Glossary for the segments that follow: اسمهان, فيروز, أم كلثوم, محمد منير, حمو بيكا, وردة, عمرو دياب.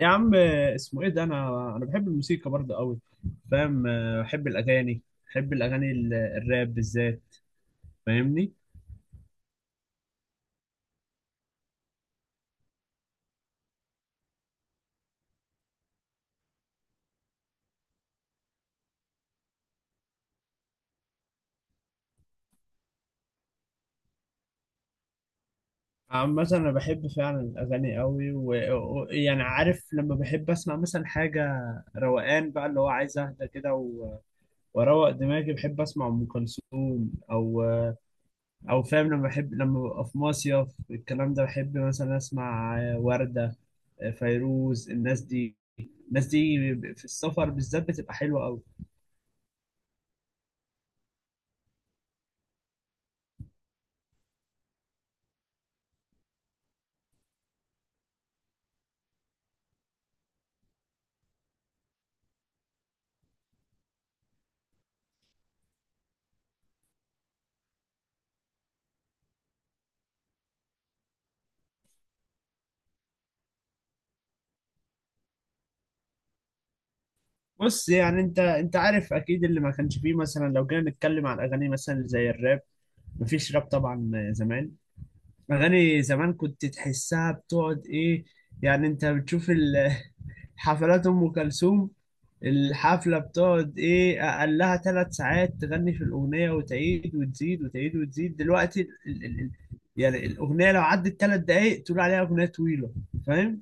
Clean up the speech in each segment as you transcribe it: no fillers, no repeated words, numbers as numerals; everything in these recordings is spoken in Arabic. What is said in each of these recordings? يا عم، اسمه ايه ده؟ انا بحب الموسيقى برضه قوي. فاهم؟ بحب الاغاني، بحب الاغاني الراب بالذات. فاهمني؟ عامة انا بحب فعلا الاغاني قوي، ويعني عارف لما بحب اسمع مثلا حاجة روقان بقى اللي هو عايز اهدى كده واروق دماغي، بحب اسمع ام كلثوم او فاهم؟ لما بحب لما ببقى في مصيف الكلام ده بحب مثلا اسمع وردة، فيروز. الناس دي، الناس دي في السفر بالذات بتبقى حلوة قوي. بص، يعني انت عارف اكيد اللي ما كانش فيه. مثلا لو جينا نتكلم عن اغاني مثلا زي الراب، مفيش راب طبعا زمان. اغاني زمان كنت تحسها بتقعد ايه، يعني انت بتشوف حفلات ام كلثوم، الحفله بتقعد ايه، اقلها ثلاث ساعات تغني في الاغنيه وتعيد وتزيد وتعيد وتزيد. دلوقتي ال ال ال يعني الاغنيه لو عدت ثلاث دقائق تقول عليها اغنيه طويله. فاهم؟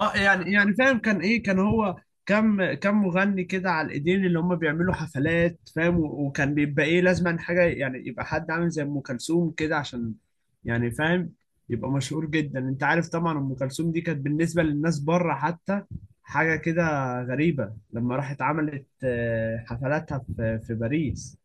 اه، يعني فاهم، كان ايه، كان هو كم مغني كده على الايدين اللي هم بيعملوا حفلات، فاهم؟ وكان بيبقى ايه، لازم حاجه يعني يبقى حد عامل زي ام كلثوم كده عشان يعني فاهم، يبقى مشهور جدا. انت عارف طبعا ام كلثوم دي كانت بالنسبه للناس بره حتى حاجه كده غريبه، لما راحت عملت حفلاتها في باريس.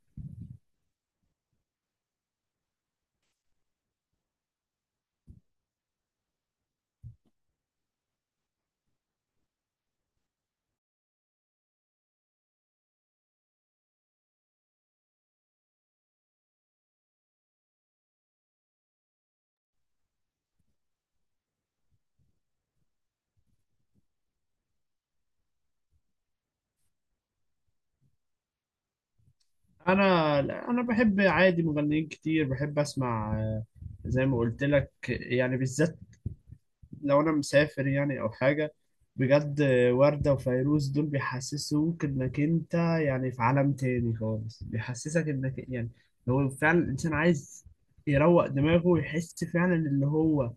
انا لا، انا بحب عادي مغنيين كتير، بحب اسمع زي ما قلت لك. يعني بالذات لو انا مسافر يعني او حاجه، بجد وردة وفيروز دول بيحسسوك انك انت يعني في عالم تاني خالص. بيحسسك انك يعني هو فعلا الانسان عايز يروق دماغه ويحس فعلا اللي هو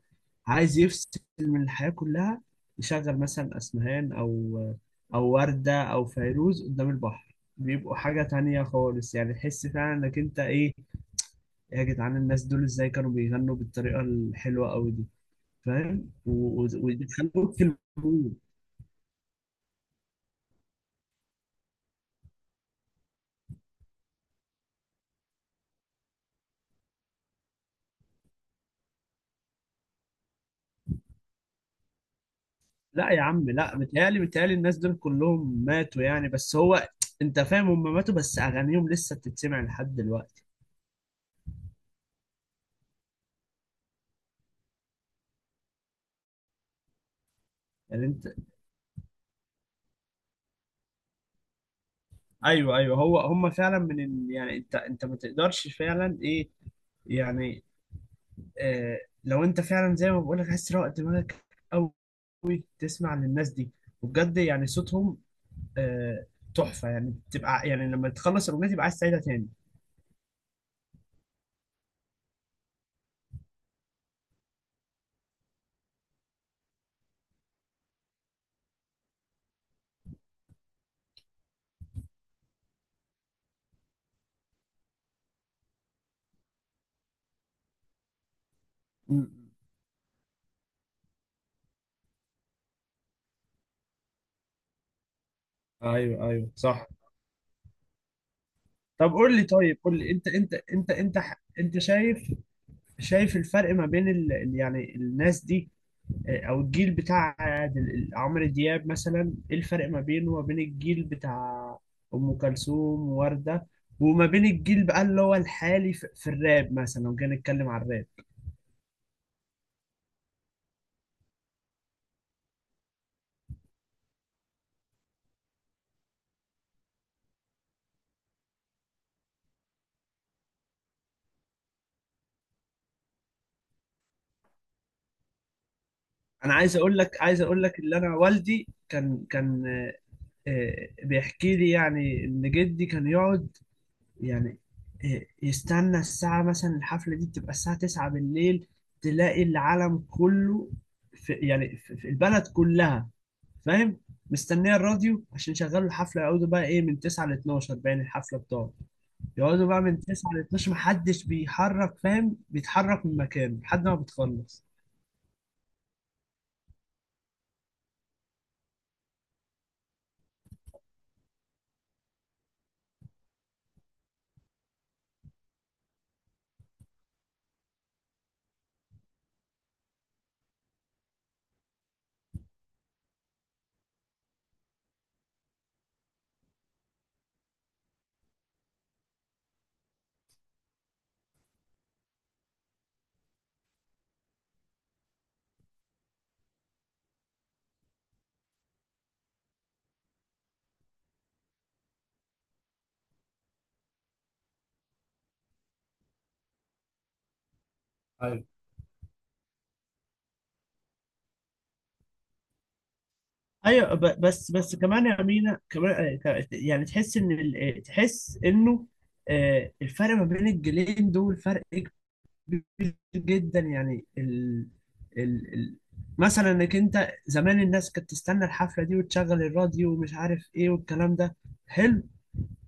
عايز يفصل من الحياة كلها. يشغل مثلا اسمهان او وردة او فيروز قدام البحر، بيبقوا حاجة تانية خالص، يعني تحس فعلا انك انت ايه. يا جدعان الناس دول ازاي كانوا بيغنوا بالطريقة الحلوة قوي دي؟ فاهم؟ ويدخلوك في المود. لا يا عم، لا، متهيألي متهيألي الناس دول كلهم ماتوا يعني، بس هو انت فاهم، هم ماتوا بس اغانيهم لسه بتتسمع لحد دلوقتي. يعني انت، ايوه ايوه، هو هم فعلا من يعني انت ما تقدرش فعلا ايه يعني. آه، لو انت فعلا زي ما بقول لك عايز تروق دماغك قوي، تسمع للناس دي، وبجد يعني صوتهم آه تحفة. يعني تبقى يعني لما تخلص الاغنية تبقى عايز تعيدها تاني. م- ايوه ايوه صح. طب قول لي، طيب قول لي انت، انت انت شايف، شايف الفرق ما بين يعني الناس دي، اه، او الجيل بتاع عمرو دياب مثلا، ايه الفرق ما بينه وما بين الجيل بتاع ام كلثوم ووردة، وما بين الجيل بقى اللي هو الحالي في, في الراب مثلا لو جينا نتكلم عن الراب؟ انا عايز اقول لك، عايز اقول لك اللي انا والدي كان اه، بيحكي لي يعني ان جدي كان يقعد يعني يستنى الساعة، مثلا الحفلة دي بتبقى الساعة 9 بالليل، تلاقي العالم كله في يعني في البلد كلها، فاهم؟ مستنية الراديو عشان يشغلوا الحفلة، يقعدوا بقى ايه من 9 ل 12 باين الحفلة بتاعته. يقعدوا بقى من 9 ل 12 محدش بيحرك، فاهم؟ بيتحرك من مكانه لحد ما بتخلص. ايوه ايوه، بس كمان يا مينا كمان يعني تحس ان تحس انه الفرق ما بين الجيلين دول فرق جدا. يعني ال... ال... مثلا انك انت زمان الناس كانت تستنى الحفله دي وتشغل الراديو ومش عارف ايه والكلام ده حلو.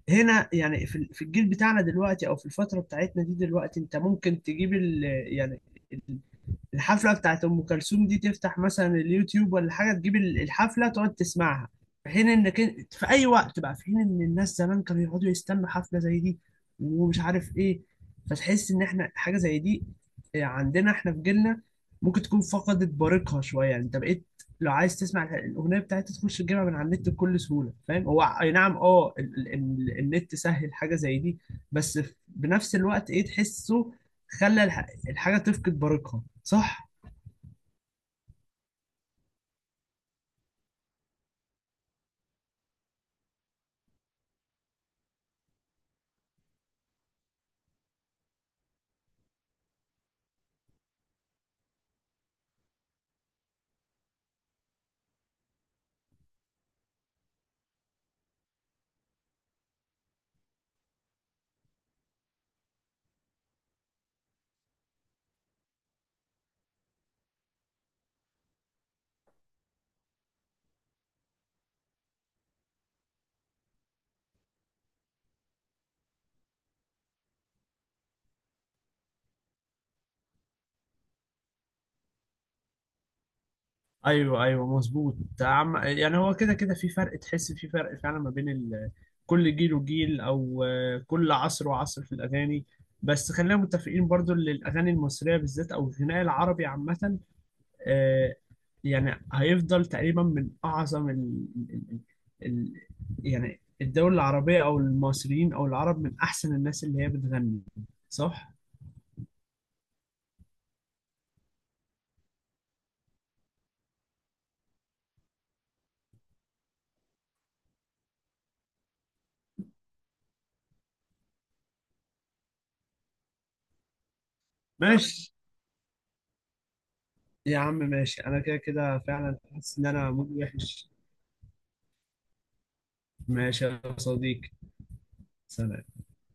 هنا يعني في في الجيل بتاعنا دلوقتي او في الفتره بتاعتنا دي دلوقتي، انت ممكن تجيب يعني الحفلة بتاعت أم كلثوم دي تفتح مثلا اليوتيوب ولا حاجة، تجيب الحفلة تقعد تسمعها في حين في أي وقت بقى، في حين إن الناس زمان كانوا يقعدوا يستنوا حفلة زي دي ومش عارف إيه. فتحس إن إحنا حاجة زي دي عندنا إحنا في جيلنا ممكن تكون فقدت بريقها شوية، يعني أنت بقيت لو عايز تسمع الأغنية بتاعتها تخش تجيبها من على النت بكل سهولة. فاهم؟ هو أي نعم، أه، النت سهل حاجة زي دي، بس بنفس الوقت إيه تحسه خلى الحاجة تفقد بريقها، صح؟ ايوه ايوه مظبوط عم. يعني هو كده كده في فرق، تحس في فرق فعلا ما بين كل جيل وجيل او كل عصر وعصر في الاغاني. بس خلينا متفقين برضو ان الاغاني المصريه بالذات او الغناء العربي عامه آه، يعني هيفضل تقريبا من اعظم ال... ال... يعني الدول العربيه او المصريين او العرب من احسن الناس اللي هي بتغني. صح؟ ماشي، يا عم ماشي، انا كده كده فعلا حاسس ان انا مود وحش. ماشي يا صديقي. سلام.